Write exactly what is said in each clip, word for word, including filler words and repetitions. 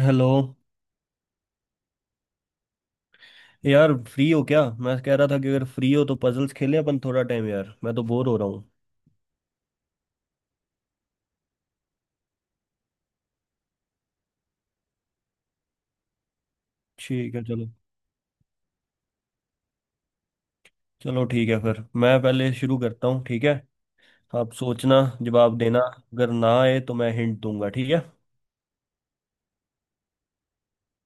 Hello. यार free हो क्या? मैं कह रहा था कि अगर फ्री हो तो पजल्स खेलें अपन थोड़ा टाइम। यार मैं तो बोर हो रहा हूँ। ठीक है। चलो। चलो ठीक है, फिर मैं पहले शुरू करता हूँ, ठीक है। आप सोचना, जवाब देना। अगर ना आए तो मैं हिंट दूंगा, ठीक है।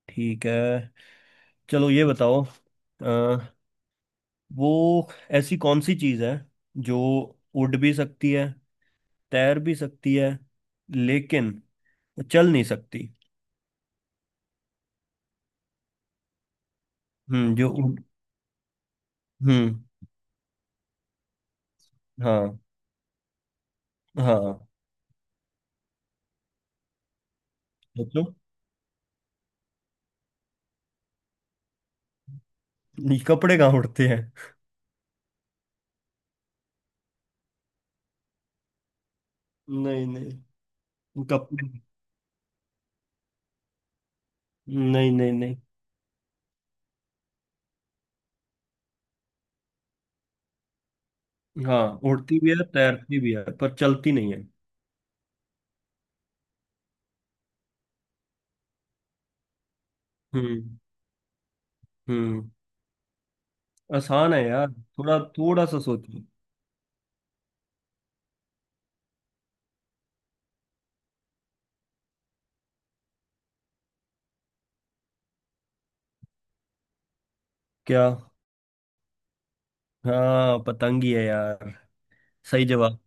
ठीक है। चलो, ये बताओ। अ, वो ऐसी कौन सी चीज़ है जो उड़ भी सकती है, तैर भी सकती है, लेकिन चल नहीं सकती? हम्म। जो उड़ हम्म। हाँ, हाँ। सोचो। नहीं, कपड़े कहाँ उड़ते हैं? नहीं, नहीं। कपड़े? नहीं, नहीं, नहीं। हाँ, उड़ती भी है, तैरती भी है, पर चलती नहीं है। हम्म। हम्म। आसान है यार, थोड़ा थोड़ा सा सोचो। क्या? हाँ, पतंग ही है यार। सही जवाब।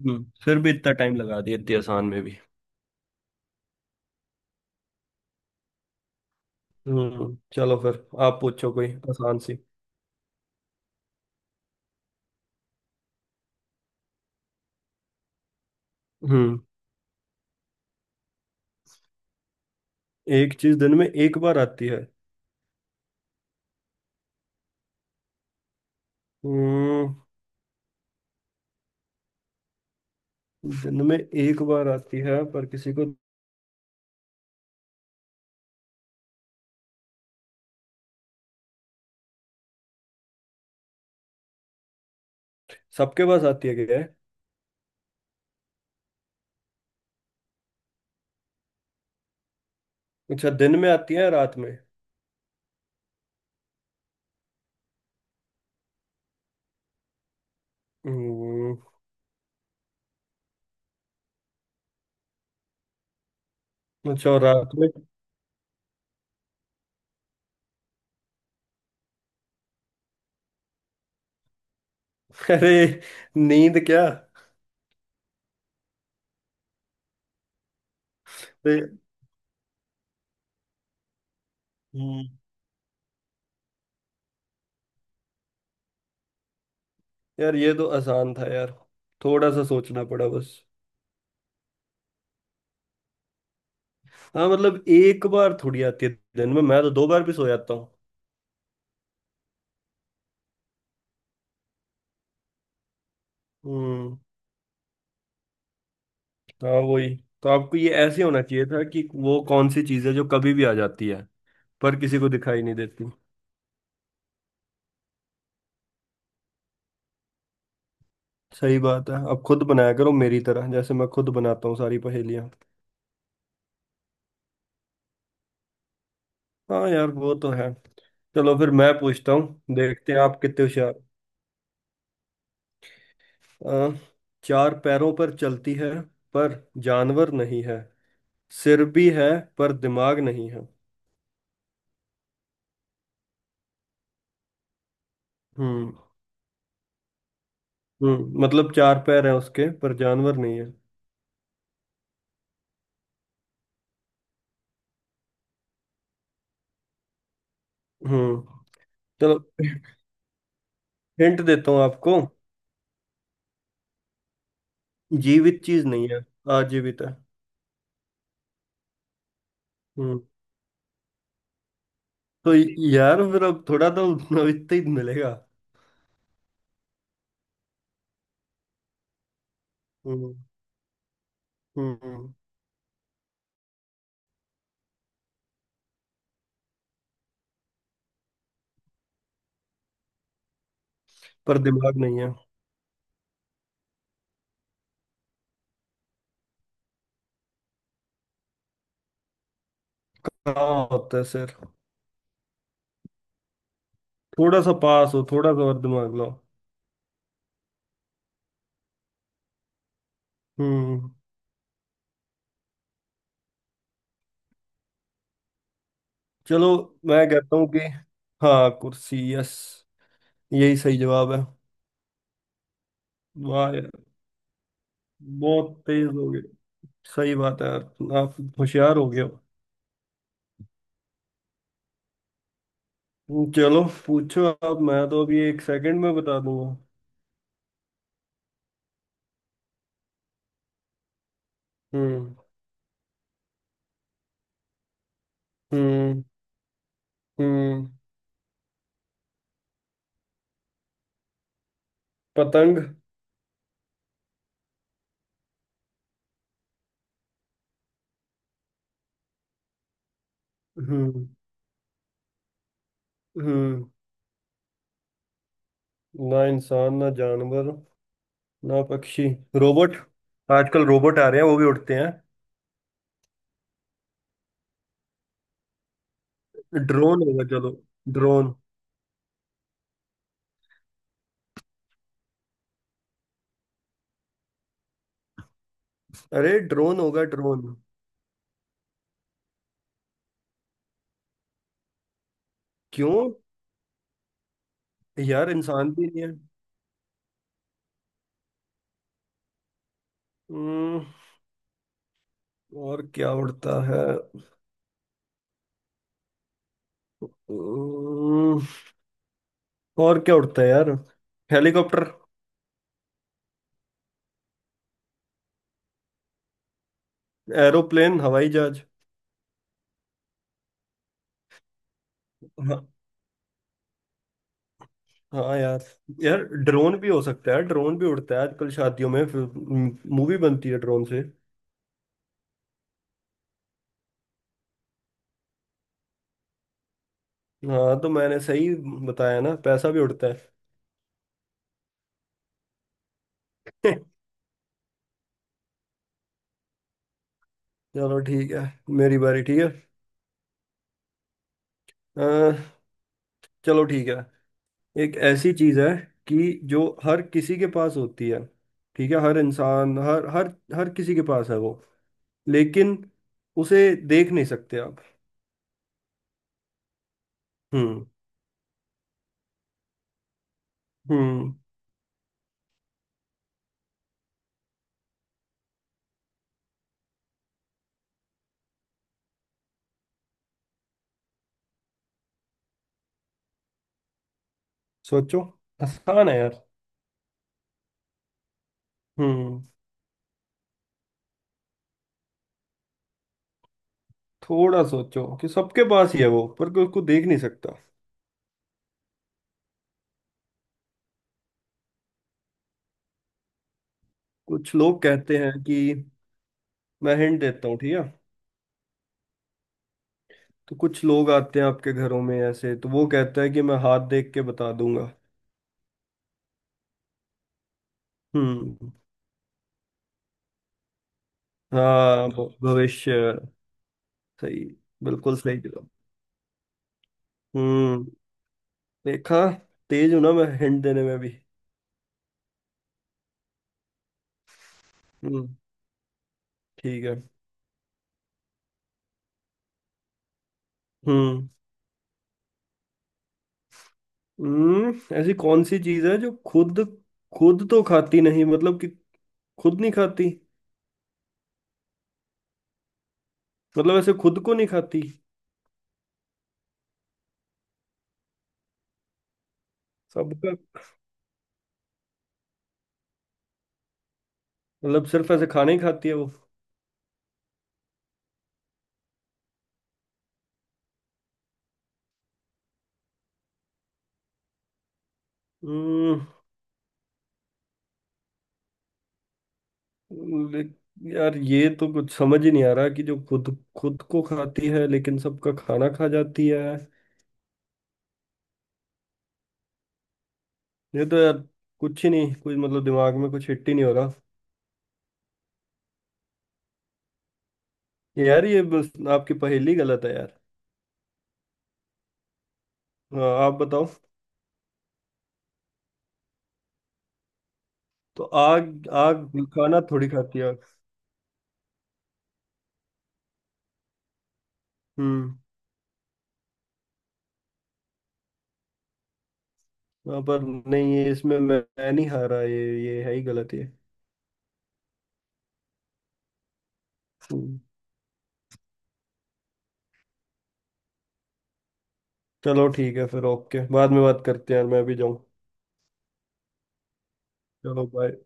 हम्म फिर भी इतना टाइम लगा दिया इतनी आसान में भी। हम्म चलो, फिर आप पूछो कोई आसान सी। हम्म। एक चीज दिन में एक बार आती है। हम्म। दिन में एक बार आती है पर किसी को। सबके पास आती है क्या? अच्छा, दिन में आती है या रात में? हम्म। अच्छा, और रात में? अरे, नींद क्या? अरे! हम्म। यार, ये तो आसान था यार, थोड़ा सा सोचना पड़ा बस। हाँ, मतलब एक बार थोड़ी आती है दिन में, मैं तो दो बार भी सो जाता हूँ। हम्म। हाँ, वही। तो आपको ये ऐसे होना चाहिए था कि वो कौन सी चीज़ है जो कभी भी आ जाती है पर किसी को दिखाई नहीं देती। सही बात है, अब खुद बनाया करो मेरी तरह, जैसे मैं खुद बनाता हूँ सारी पहेलियाँ। हाँ यार, वो तो है। चलो फिर मैं पूछता हूँ, देखते हैं आप कितने होशियार हो। अ, चार पैरों पर चलती है, पर जानवर नहीं है। सिर भी है, पर दिमाग नहीं है। हम्म। हम्म। मतलब चार पैर हैं उसके, पर जानवर नहीं है। हम्म। चलो, हिंट देता हूँ आपको। जीवित चीज नहीं है। आजीवित है। हम्म तो यार फिर अब थोड़ा तो इतना ही मिलेगा। हम्म। हम्म। पर दिमाग नहीं है। हाँ, होता है सिर। थोड़ा सा पास हो, थोड़ा सा और दिमाग लाओ। हम्म। चलो, मैं कहता हूँ कि, हाँ कुर्सी। यस, यही सही जवाब है। वाह यार, बहुत तेज हो गए। सही बात है यार, आप होशियार हो गए हो। हम्म, चलो पूछो आप, मैं तो अभी एक सेकंड में बता दूंगा। हम्म। हम्म। हम्म। पतंग? हम्म। हम्म। ना इंसान, ना जानवर, ना पक्षी। रोबोट? आजकल रोबोट आ रहे हैं, वो भी उड़ते हैं। ड्रोन होगा। चलो, ड्रोन। अरे, ड्रोन होगा ड्रोन। क्यों? यार, इंसान भी नहीं है। हम्म। और क्या उड़ता है? हम्म। और क्या उड़ता है यार? हेलीकॉप्टर? एरोप्लेन, हवाई जहाज? हाँ। हाँ यार। यार, ड्रोन भी हो सकता है, ड्रोन भी उड़ता है आजकल शादियों में। मूवी बनती है ड्रोन से। हाँ तो मैंने सही बताया ना, पैसा भी उड़ता है। चलो ठीक है, मेरी बारी। ठीक है। अ, चलो ठीक है, एक ऐसी चीज है कि जो हर किसी के पास होती है, ठीक है, हर इंसान, हर हर हर किसी के पास है वो, लेकिन उसे देख नहीं सकते आप। हम्म। हम्म। सोचो, आसान है यार। हम्म थोड़ा सोचो कि सबके पास ही है वो, पर कोई उसको देख नहीं सकता। कुछ लोग कहते हैं कि, मैं हिंट देता हूँ, ठीक है। तो कुछ लोग आते हैं आपके घरों में ऐसे, तो वो कहता है कि मैं हाथ देख के बता दूंगा। हम्म। हाँ, भ- भविष्य। सही। बिल्कुल सही जवाब। हम्म देखा, तेज हूं ना मैं हिंट देने में भी। हम्म, ठीक है। हम्म। हम्म। ऐसी कौन सी चीज है जो खुद खुद तो खाती नहीं, मतलब कि खुद नहीं खाती? मतलब ऐसे खुद को नहीं खाती? सबका? मतलब सिर्फ ऐसे खाना ही खाती है वो? हम्म। ले- यार, ये तो कुछ समझ ही नहीं आ रहा कि जो खुद खुद को खाती है लेकिन सबका खाना खा जाती है। ये तो यार कुछ ही नहीं, कुछ मतलब दिमाग में कुछ हिट ही नहीं हो रहा। यार ये बस आपकी पहेली गलत है यार। हाँ, आप बताओ। तो आग? आग खाना थोड़ी खाती है आग। हम्म। हाँ, पर नहीं, ये इसमें मैं, मैं नहीं हारा, ये ये है ही गलत ये। हम्म, चलो ठीक है फिर, ओके, बाद में बात करते हैं यार, मैं भी जाऊँ। चलो, बाय।